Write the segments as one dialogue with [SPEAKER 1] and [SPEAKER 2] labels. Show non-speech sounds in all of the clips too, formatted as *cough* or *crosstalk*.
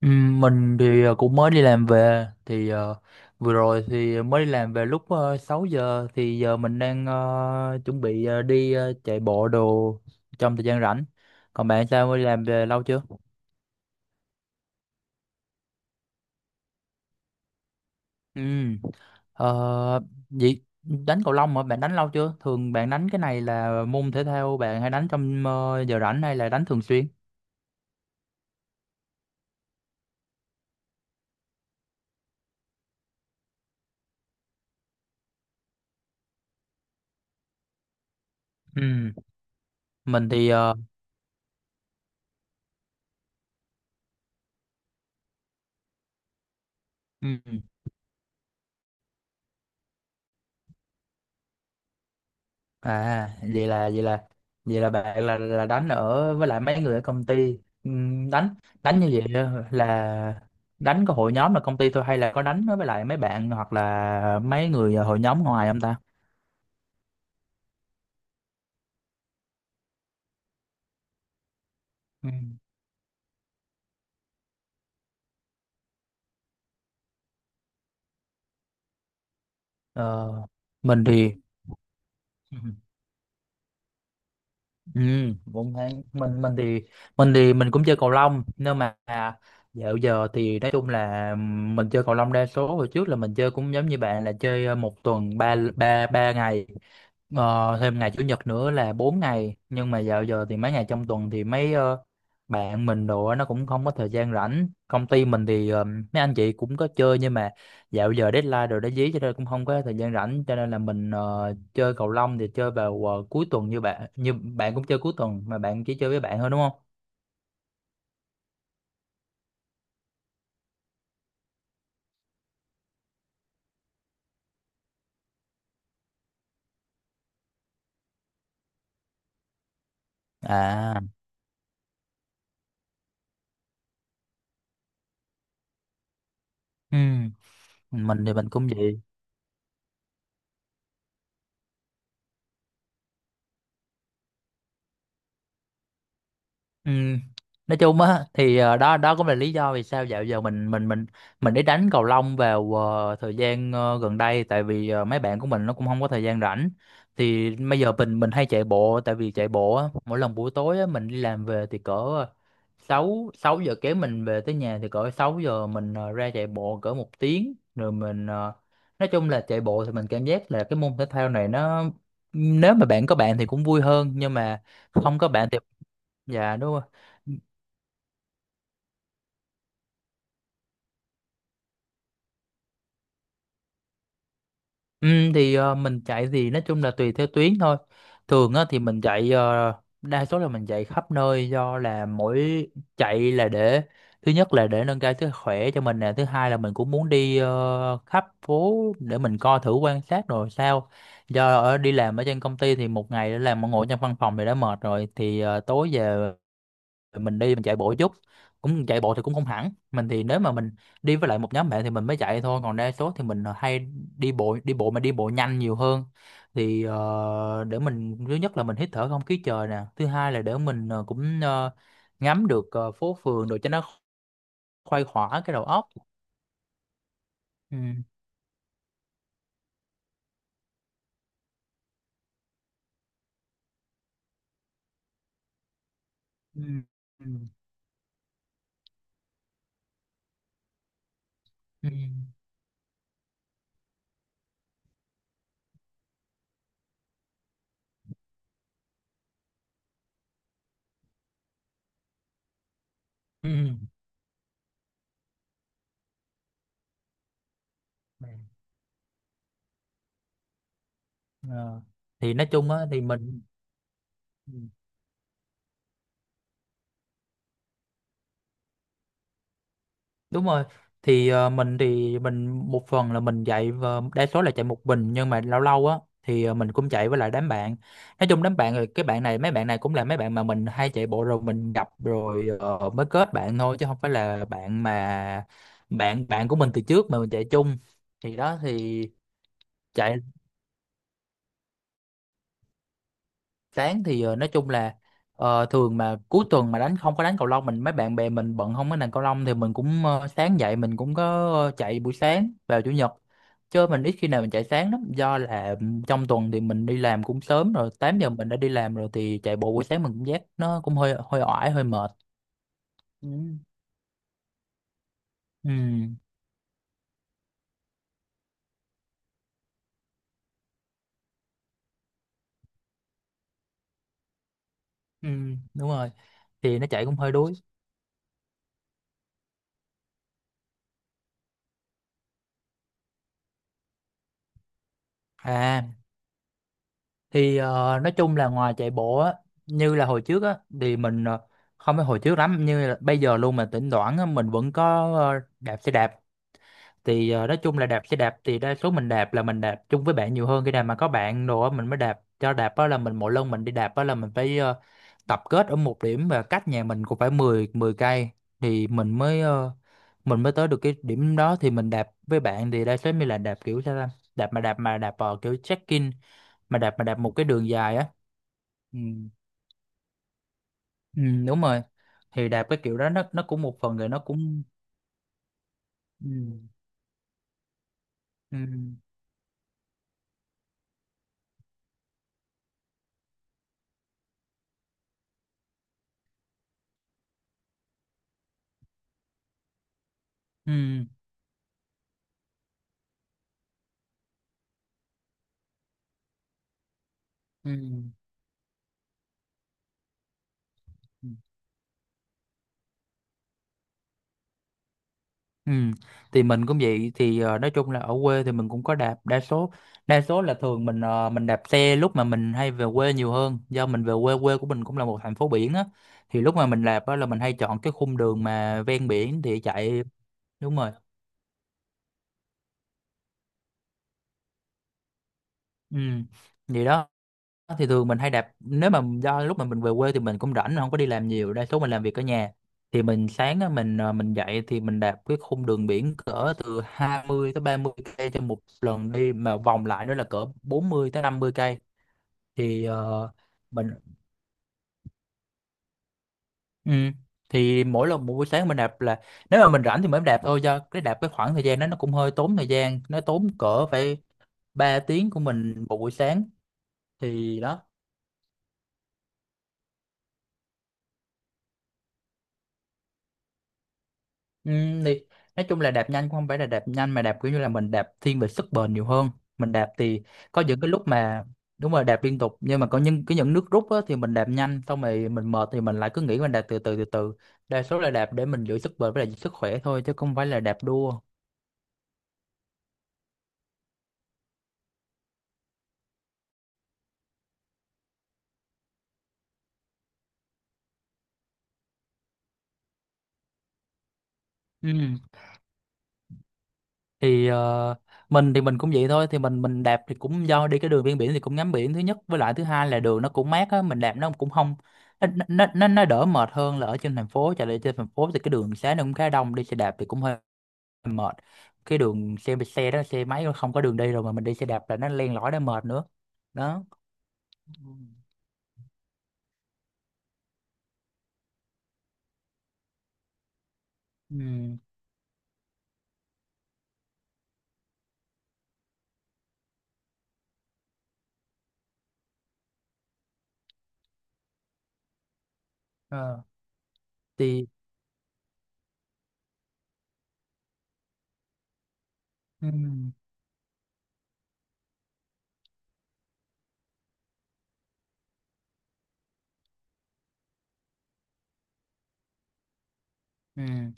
[SPEAKER 1] Mình thì cũng mới đi làm về, thì vừa rồi thì mới đi làm về lúc 6 giờ. Thì giờ mình đang chuẩn bị đi chạy bộ đồ trong thời gian rảnh. Còn bạn sao, mới đi làm về lâu chưa? Ừm, ờ, vậy đánh cầu lông mà bạn đánh lâu chưa? Thường bạn đánh cái này là môn thể thao bạn hay đánh trong giờ rảnh, hay là đánh thường xuyên? Ừm, Mình thì ừm, À, vậy là vậy là vậy là bạn là đánh ở với lại mấy người ở công ty. Đánh đánh như vậy á, là đánh có hội nhóm là công ty thôi, hay là có đánh với lại mấy bạn hoặc là mấy người hội nhóm ngoài không ta? Ừm. Ờ, mình thì *laughs* ừ, cũng thế. Mình thì mình cũng chơi cầu lông, nhưng mà dạo giờ thì nói chung là mình chơi cầu lông đa số hồi trước, là mình chơi cũng giống như bạn, là chơi một tuần ba ba ba ngày, thêm ngày chủ nhật nữa là 4 ngày. Nhưng mà dạo giờ thì mấy ngày trong tuần thì mấy bạn mình đồ á, nó cũng không có thời gian rảnh. Công ty mình thì mấy anh chị cũng có chơi, nhưng mà dạo giờ deadline rồi đã dí, cho nên cũng không có thời gian rảnh, cho nên là mình chơi cầu lông thì chơi vào cuối tuần, Như bạn cũng chơi cuối tuần, mà bạn chỉ chơi với bạn thôi đúng không? À, ừ, mình thì mình cũng vậy. Ừ. Nói chung á, thì đó đó cũng là lý do vì sao dạo giờ mình đi đánh cầu lông vào thời gian gần đây, tại vì mấy bạn của mình nó cũng không có thời gian rảnh. Thì bây giờ mình hay chạy bộ, tại vì chạy bộ á, mỗi lần buổi tối á, mình đi làm về thì cỡ 6 sáu giờ kém mình về tới nhà, thì cỡ 6 giờ mình ra chạy bộ cỡ một tiếng, rồi mình nói chung là chạy bộ thì mình cảm giác là cái môn thể thao này, nó nếu mà bạn có bạn thì cũng vui hơn, nhưng mà không có bạn thì... Dạ đúng rồi. Ừ, thì mình chạy thì nói chung là tùy theo tuyến thôi. Thường á, thì mình chạy đa số là mình chạy khắp nơi, do là mỗi chạy là để thứ nhất là để nâng cao sức khỏe cho mình nè, thứ hai là mình cũng muốn đi khắp phố để mình coi thử quan sát rồi sao. Do ở đi làm ở trên công ty thì một ngày đã làm ngồi trong văn phòng thì đã mệt rồi, thì tối về rồi mình đi mình chạy bộ chút. Cũng chạy bộ thì cũng không hẳn, mình thì nếu mà mình đi với lại một nhóm bạn thì mình mới chạy thôi, còn đa số thì mình hay đi bộ, đi bộ mà đi bộ nhanh nhiều hơn. Thì để mình thứ nhất là mình hít thở không khí trời nè, thứ hai là để mình cũng ngắm được phố phường rồi cho nó khuây khỏa cái đầu óc. Ừ. Ừ. Ừ. Ừ. Ừ. Ừ. Ờ. Thì nói chung á, thì mình... Đúng rồi. Thì mình thì mình một phần là mình chạy, và đa số là chạy một mình, nhưng mà lâu lâu á thì mình cũng chạy với lại đám bạn. Nói chung đám bạn rồi, cái bạn này mấy bạn này cũng là mấy bạn mà mình hay chạy bộ rồi mình gặp rồi mới kết bạn thôi, chứ không phải là bạn mà bạn bạn của mình từ trước mà mình chạy chung. Thì đó thì, chạy sáng thì nói chung là thường mà cuối tuần mà đánh không có đánh cầu lông, mình mấy bạn bè mình bận không có đánh cầu lông, thì mình cũng sáng dậy mình cũng có chạy buổi sáng vào chủ nhật, chứ mình ít khi nào mình chạy sáng lắm, do là trong tuần thì mình đi làm cũng sớm rồi, 8 giờ mình đã đi làm rồi, thì chạy bộ buổi sáng mình cũng giác nó cũng hơi hơi oải hơi mệt. Ừ. Ừ, ừ đúng rồi, thì nó chạy cũng hơi đuối. À, thì nói chung là ngoài chạy bộ á, như là hồi trước á thì mình không phải hồi trước lắm, như là bây giờ luôn, mà thỉnh thoảng á, mình vẫn có đạp xe đạp. Thì nói chung là đạp xe đạp thì đa số mình đạp là mình đạp chung với bạn nhiều hơn, khi nào mà có bạn đồ á mình mới đạp. Cho đạp á là mình mỗi lần mình đi đạp á là mình phải tập kết ở một điểm, và cách nhà mình cũng phải 10 10 cây, thì mình mới mình mới tới được cái điểm đó. Thì mình đạp với bạn thì đa số mình là đạp kiểu sao ta, đạp mà đạp mà đạp vào kiểu check-in, mà đạp một cái đường dài á. Ừ. Ừ, đúng rồi, thì đạp cái kiểu đó nó cũng một phần rồi nó cũng... Ừ. Ừ. Ừ. Ừ. Ừ. Ừ. Thì mình cũng vậy, thì nói chung là ở quê thì mình cũng có đạp, đa số là thường mình mình đạp xe lúc mà mình hay về quê nhiều hơn, do mình về quê, quê của mình cũng là một thành phố biển á, thì lúc mà mình đạp á là mình hay chọn cái khung đường mà ven biển thì chạy. Đúng rồi. Ừ. Vậy đó. Thì thường mình hay đạp nếu mà do lúc mà mình về quê thì mình cũng rảnh, mình không có đi làm nhiều, đa số mình làm việc ở nhà. Thì mình sáng á, mình mình dậy thì mình đạp cái khung đường biển cỡ từ 20 tới 30 cây trên một lần đi, mà vòng lại nữa là cỡ 40 tới 50 cây. Thì mình... Ừ, thì mỗi lần một buổi sáng mình đạp là nếu mà mình rảnh thì mới đạp thôi, do cái đạp cái khoảng thời gian đó nó cũng hơi tốn thời gian, nó tốn cỡ phải 3 tiếng của mình một buổi sáng. Thì đó. Ừ, thì nói chung là đạp nhanh không phải là đạp nhanh, mà đạp kiểu như là mình đạp thiên về sức bền nhiều hơn. Mình đạp thì có những cái lúc mà đúng rồi, đạp liên tục, nhưng mà có những cái những nước rút á, thì mình đạp nhanh xong rồi mình mệt, thì mình lại cứ nghĩ mình đạp từ từ từ từ. Đa số là đạp để mình giữ sức bền với lại giữ sức khỏe thôi, chứ không phải là đạp đua. Ừ. Thì mình thì mình cũng vậy thôi, thì mình đạp thì cũng do đi cái đường ven biển thì cũng ngắm biển thứ nhất, với lại thứ hai là đường nó cũng mát á, mình đạp nó cũng không... Nó nó đỡ mệt hơn là ở trên thành phố chạy. Lại trên thành phố thì cái đường xá nó cũng khá đông, đi xe đạp thì cũng hơi mệt. Cái đường xe xe đó xe máy nó không có đường đi rồi, mà mình đi xe đạp là nó len lỏi nó mệt nữa. Đó. Ừ. Ừ. ờ, thì ừ. Ừ.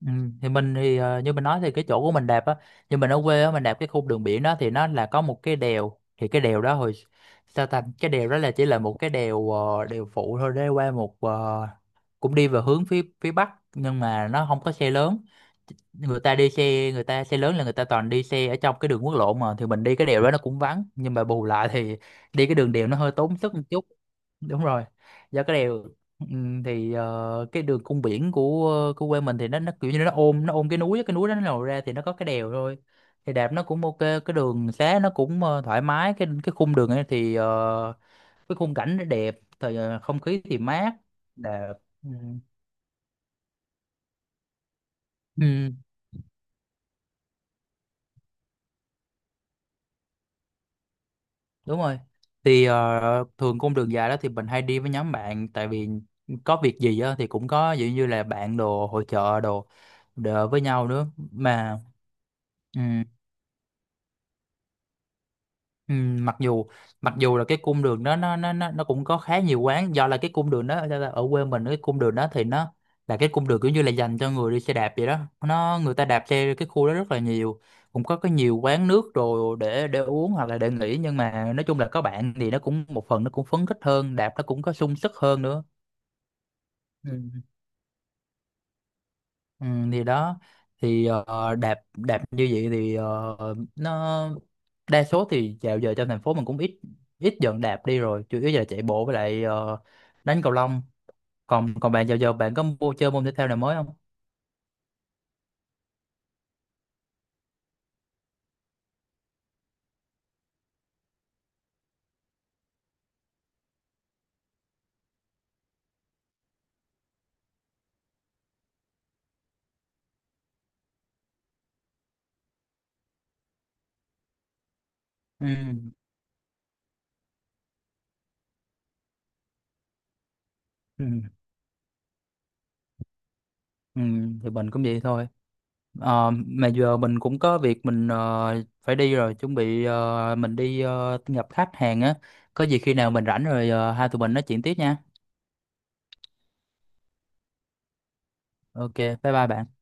[SPEAKER 1] Ừ. Thì mình thì như mình nói thì cái chỗ của mình đạp á, như mình ở quê á, mình đạp cái khu đường biển đó, thì nó là có một cái đèo. Thì cái đèo đó hồi sao ta, cái đèo đó là chỉ là một cái đèo đèo phụ thôi, để qua một cũng đi về hướng phía phía bắc, nhưng mà nó không có xe lớn. Người ta đi xe, người ta xe lớn là người ta toàn đi xe ở trong cái đường quốc lộ mà. Thì mình đi cái đèo đó nó cũng vắng, nhưng mà bù lại thì đi cái đường đèo nó hơi tốn sức một chút. Đúng rồi, do cái đèo. Thì cái đường cung biển của quê mình thì nó kiểu như nó ôm cái núi á, cái núi đó nó lồi ra thì nó có cái đèo thôi. Thì đạp nó cũng ok, cái đường xá nó cũng thoải mái, cái khung đường ấy thì cái khung cảnh nó đẹp, thời không khí thì mát. Đẹp. Ừm. Đúng rồi. Thì thường cung đường dài đó thì mình hay đi với nhóm bạn, tại vì có việc gì á thì cũng có ví dụ như là bạn đồ hội trợ đồ đỡ với nhau nữa mà. Ừ, mặc dù mặc dù là cái cung đường đó nó cũng có khá nhiều quán, do là cái cung đường đó ở ở quê mình, cái cung đường đó thì nó là cái cung đường kiểu như là dành cho người đi xe đạp vậy đó. Nó người ta đạp xe cái khu đó rất là nhiều, cũng có cái nhiều quán nước rồi để uống hoặc là để nghỉ, nhưng mà nói chung là có bạn thì nó cũng một phần, nó cũng phấn khích hơn, đạp nó cũng có sung sức hơn nữa. Ừ. Ừ, thì đó thì đạp đạp như vậy thì nó đa số thì dạo giờ trong thành phố mình cũng ít ít dần đạp đi rồi, chủ yếu là chạy bộ với lại đánh cầu lông. Còn còn bạn dạo giờ bạn có mua chơi môn thể thao nào mới không? Ừ, ừ, ừ, thì mình cũng vậy thôi. Mà giờ mình cũng có việc, mình phải đi rồi, chuẩn bị mình đi gặp khách hàng á. Có gì khi nào mình rảnh rồi hai tụi mình nói chuyện tiếp nha. Ok, bye bye bạn.